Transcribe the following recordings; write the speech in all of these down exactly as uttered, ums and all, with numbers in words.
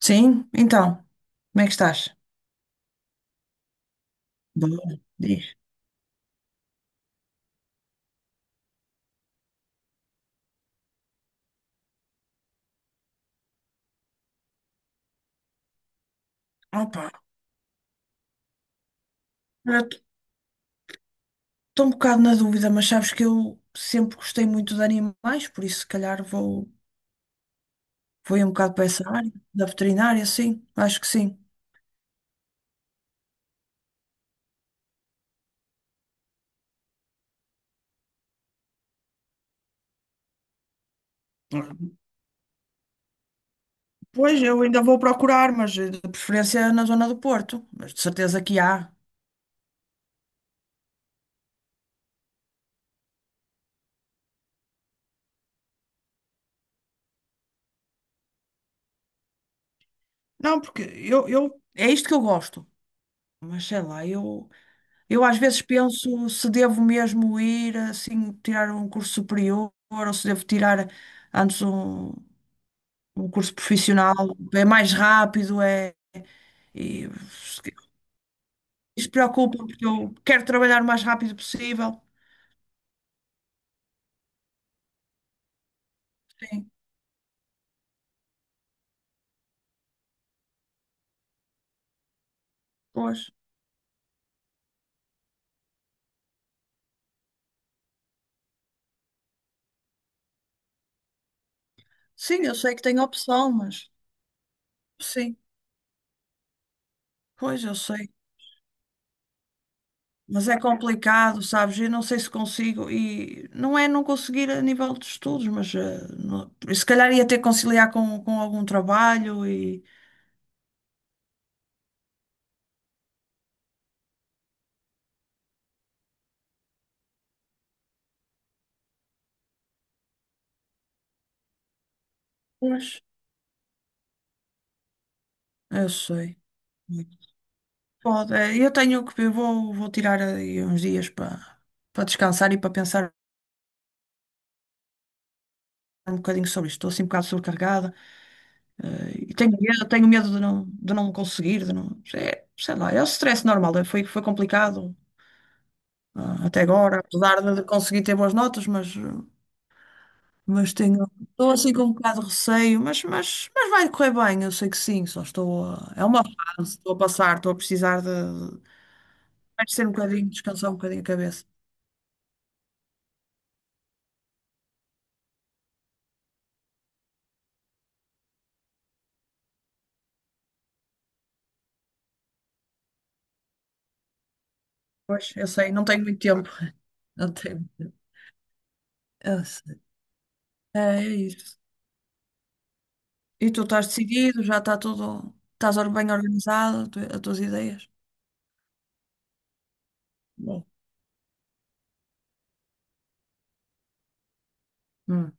Sim, então, como é que estás? Boa, diz. Opa, estou um bocado na dúvida, mas sabes que eu sempre gostei muito de animais, por isso se calhar vou, vou ir um bocado para essa área, da veterinária, sim, acho que sim. Pois, eu ainda vou procurar, mas eh, de preferência na zona do Porto, mas de certeza que há. Não, porque eu, eu... É isto que eu gosto, mas sei lá, eu... Eu às vezes penso se devo mesmo ir assim tirar um curso superior ou se devo tirar antes um, um curso profissional. É mais rápido, é. E, isso preocupa porque eu quero trabalhar o mais rápido possível. Sim, pois. Sim, eu sei que tenho opção, mas sim, pois eu sei. Mas é complicado, sabes? Eu não sei se consigo. E não é não conseguir a nível de estudos, mas eh, não- se calhar ia ter que conciliar com, com algum trabalho e. Pois, eu sei. Pode, é, eu tenho que ver, vou, vou tirar aí uns dias para para descansar e para pensar um bocadinho sobre isto. Estou assim um bocado sobrecarregada, eh, e tenho medo, tenho medo de não, de não, conseguir, de não, é, sei lá, é o stress normal, é, foi, foi complicado, ah, até agora, apesar de de conseguir ter boas notas, mas, eh, mas tenho, estou assim com um bocado de receio, mas, mas, mas vai correr bem, eu sei que sim, só estou a, é uma fase, estou a passar, estou a precisar de, vai ser um bocadinho, descansar um bocadinho a cabeça. Pois, eu sei, não tenho muito tempo. Não tenho muito tempo. Eu sei. É, é isso. E tu estás decidido, já está tudo. Estás or- bem organizado, tu- as tuas ideias? Bom. Hum,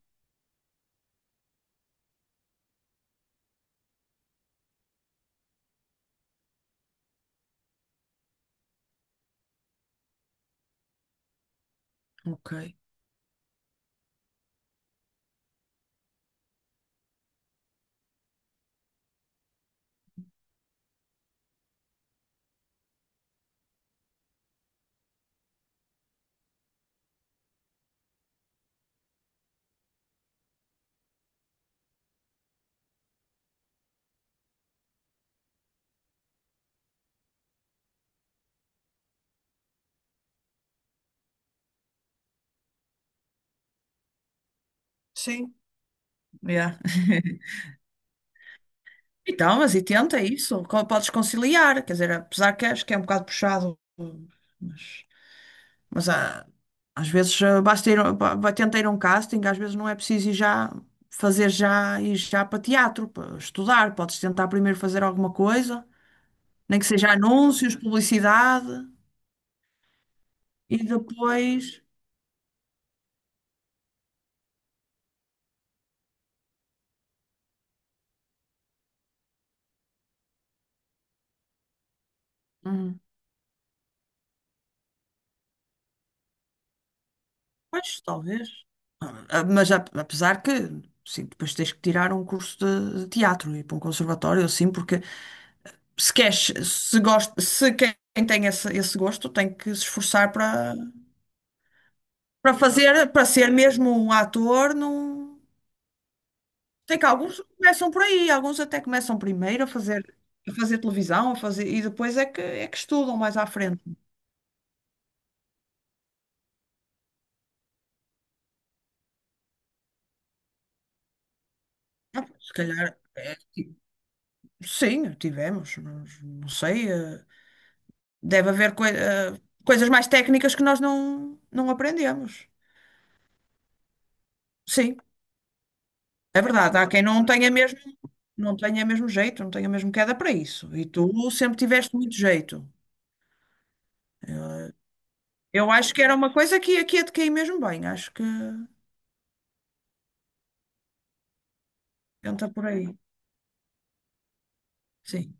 ok. Sim, yeah. Então, mas e tenta isso. co- Podes conciliar, quer dizer, apesar que acho que é um bocado puxado, mas, mas há- às vezes ah, basta ir, ba- ba- tenta ir a um casting, às vezes não é preciso ir já fazer já ir já para teatro, para estudar. Podes tentar primeiro fazer alguma coisa. Nem que seja anúncios, publicidade e depois. Hum, pois, talvez. Ah, mas ap- apesar que, sim, depois tens que tirar um curso de de teatro e ir para um conservatório, assim, porque se queres, se gosta, se quem tem esse, esse gosto tem que se esforçar para para fazer, para ser mesmo um ator, não. Tem que alguns começam por aí, alguns até começam primeiro a fazer, a fazer televisão, a fazer, e depois é que, é que estudam mais à frente. Ah, se calhar, é, tipo, sim, tivemos, mas não sei, eh, deve haver coi- eh, coisas mais técnicas que nós não, não aprendemos. Sim, é verdade. Há quem não tenha mesmo, não tenha mesmo jeito, não tenha mesmo queda para isso. E tu sempre tiveste muito jeito. Eu acho que era uma coisa que aqui ia te cair mesmo bem. Acho que entra por aí. Sim,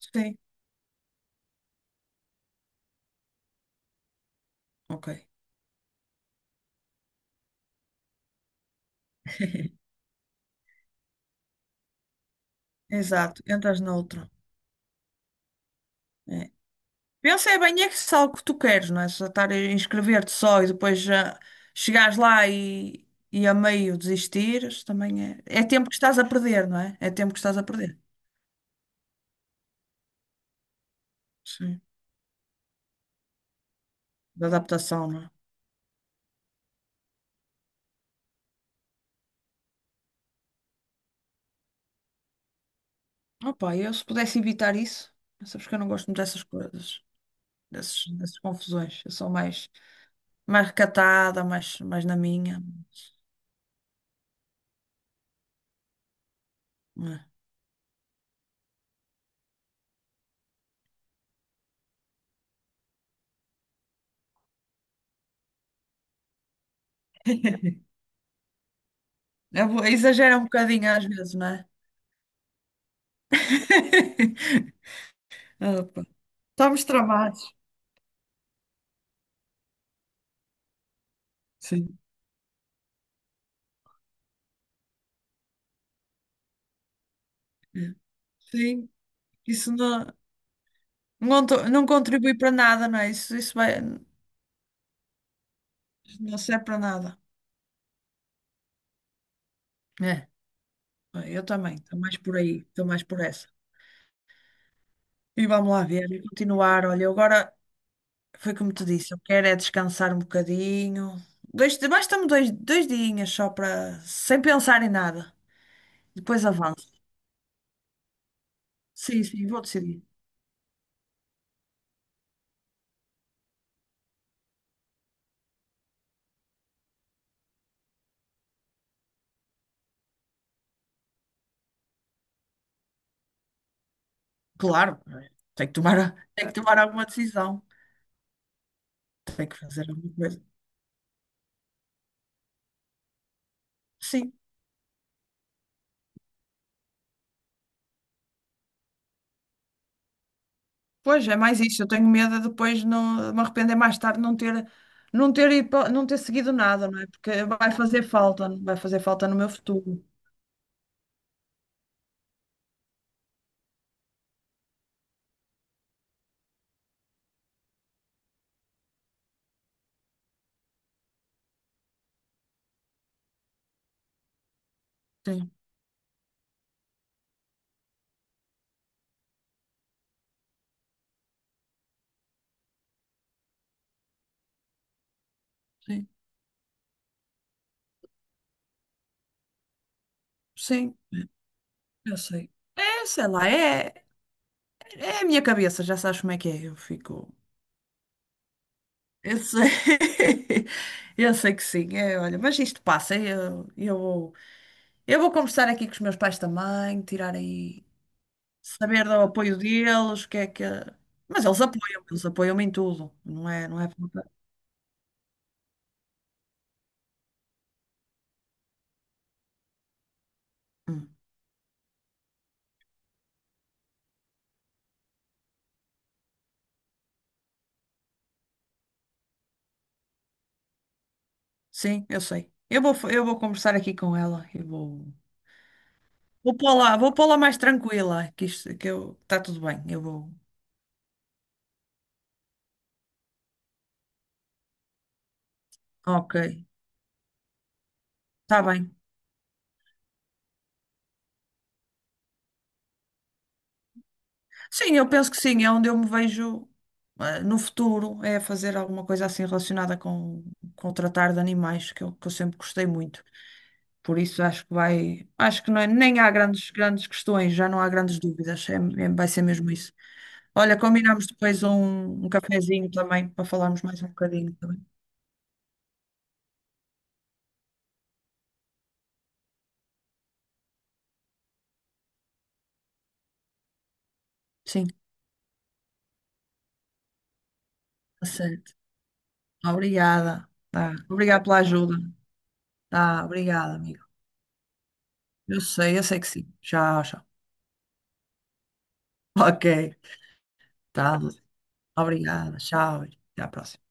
sim, ok. Exato, entras noutra. É. Pensa é bem é que se é algo que tu queres, não é? Só estar a inscrever-te só e depois ah, chegares lá e, e a meio desistires, também é. É tempo que estás a perder, não é? É tempo que estás a perder. Sim. Da adaptação, não é? Opa, eu se pudesse evitar isso, sabes que eu não gosto muito dessas coisas, dessas, dessas confusões. Eu sou mais, mais recatada, mais, mais na minha. Não é? Eu vou- exagero um bocadinho às vezes, não é? Opa, estamos tramados. Sim. Sim. Isso não, não, to- não contribui para nada, não é? Isso, isso vai, não serve para nada. É, eu também, estou mais por aí, estou mais por essa. E vamos lá ver, e continuar. Olha, eu agora foi como te disse, eu quero é descansar um bocadinho. Dois, basta-me dois, dois dias só para, sem pensar em nada. Depois avanço. Sim, sim, vou decidir. Claro, tenho que tomar, tenho que tomar alguma decisão. Tenho que fazer alguma coisa. Sim. Pois, é mais isso. Eu tenho medo de depois não, de me arrepender mais tarde não ter, não ter, ido pa- não ter seguido nada, não é? Porque vai fazer falta, vai fazer falta no meu futuro. Sim, sim, sim, eu sei. É, sei lá, é, é, a minha cabeça, já sabes como é que é. Eu fico. Eu sei, eu sei que sim, é, olha, mas isto passa. É, Eu, eu vou, eu vou conversar aqui com os meus pais também, tirar aí, saber do apoio deles, o que é que. Mas eles apoiam, eles apoiam-me em tudo, não é, não é? Hum, Sim, eu sei. Eu vou, eu vou conversar aqui com ela. Eu vou, vou pô-la, vou pô-la mais tranquila, que isto, que eu, está tudo bem. Eu vou. Ok, está bem. Sim, eu penso que sim, é onde eu me vejo ah, no futuro, é fazer alguma coisa assim relacionada com, com o tratar de animais, que eu, que eu sempre gostei muito. Por isso acho que vai, acho que não é- nem há grandes, grandes questões, já não há grandes dúvidas, é, é- vai ser mesmo isso. Olha, combinamos depois um, um cafezinho também para falarmos mais um bocadinho, tá. Sim. Tá certo. Obrigada. Tá. Obrigada pela ajuda. Tá, obrigada, amigo. Eu sei, eu sei que sim. Tchau, tchau. Ok. Tá. Obrigada. Tchau. Até a próxima.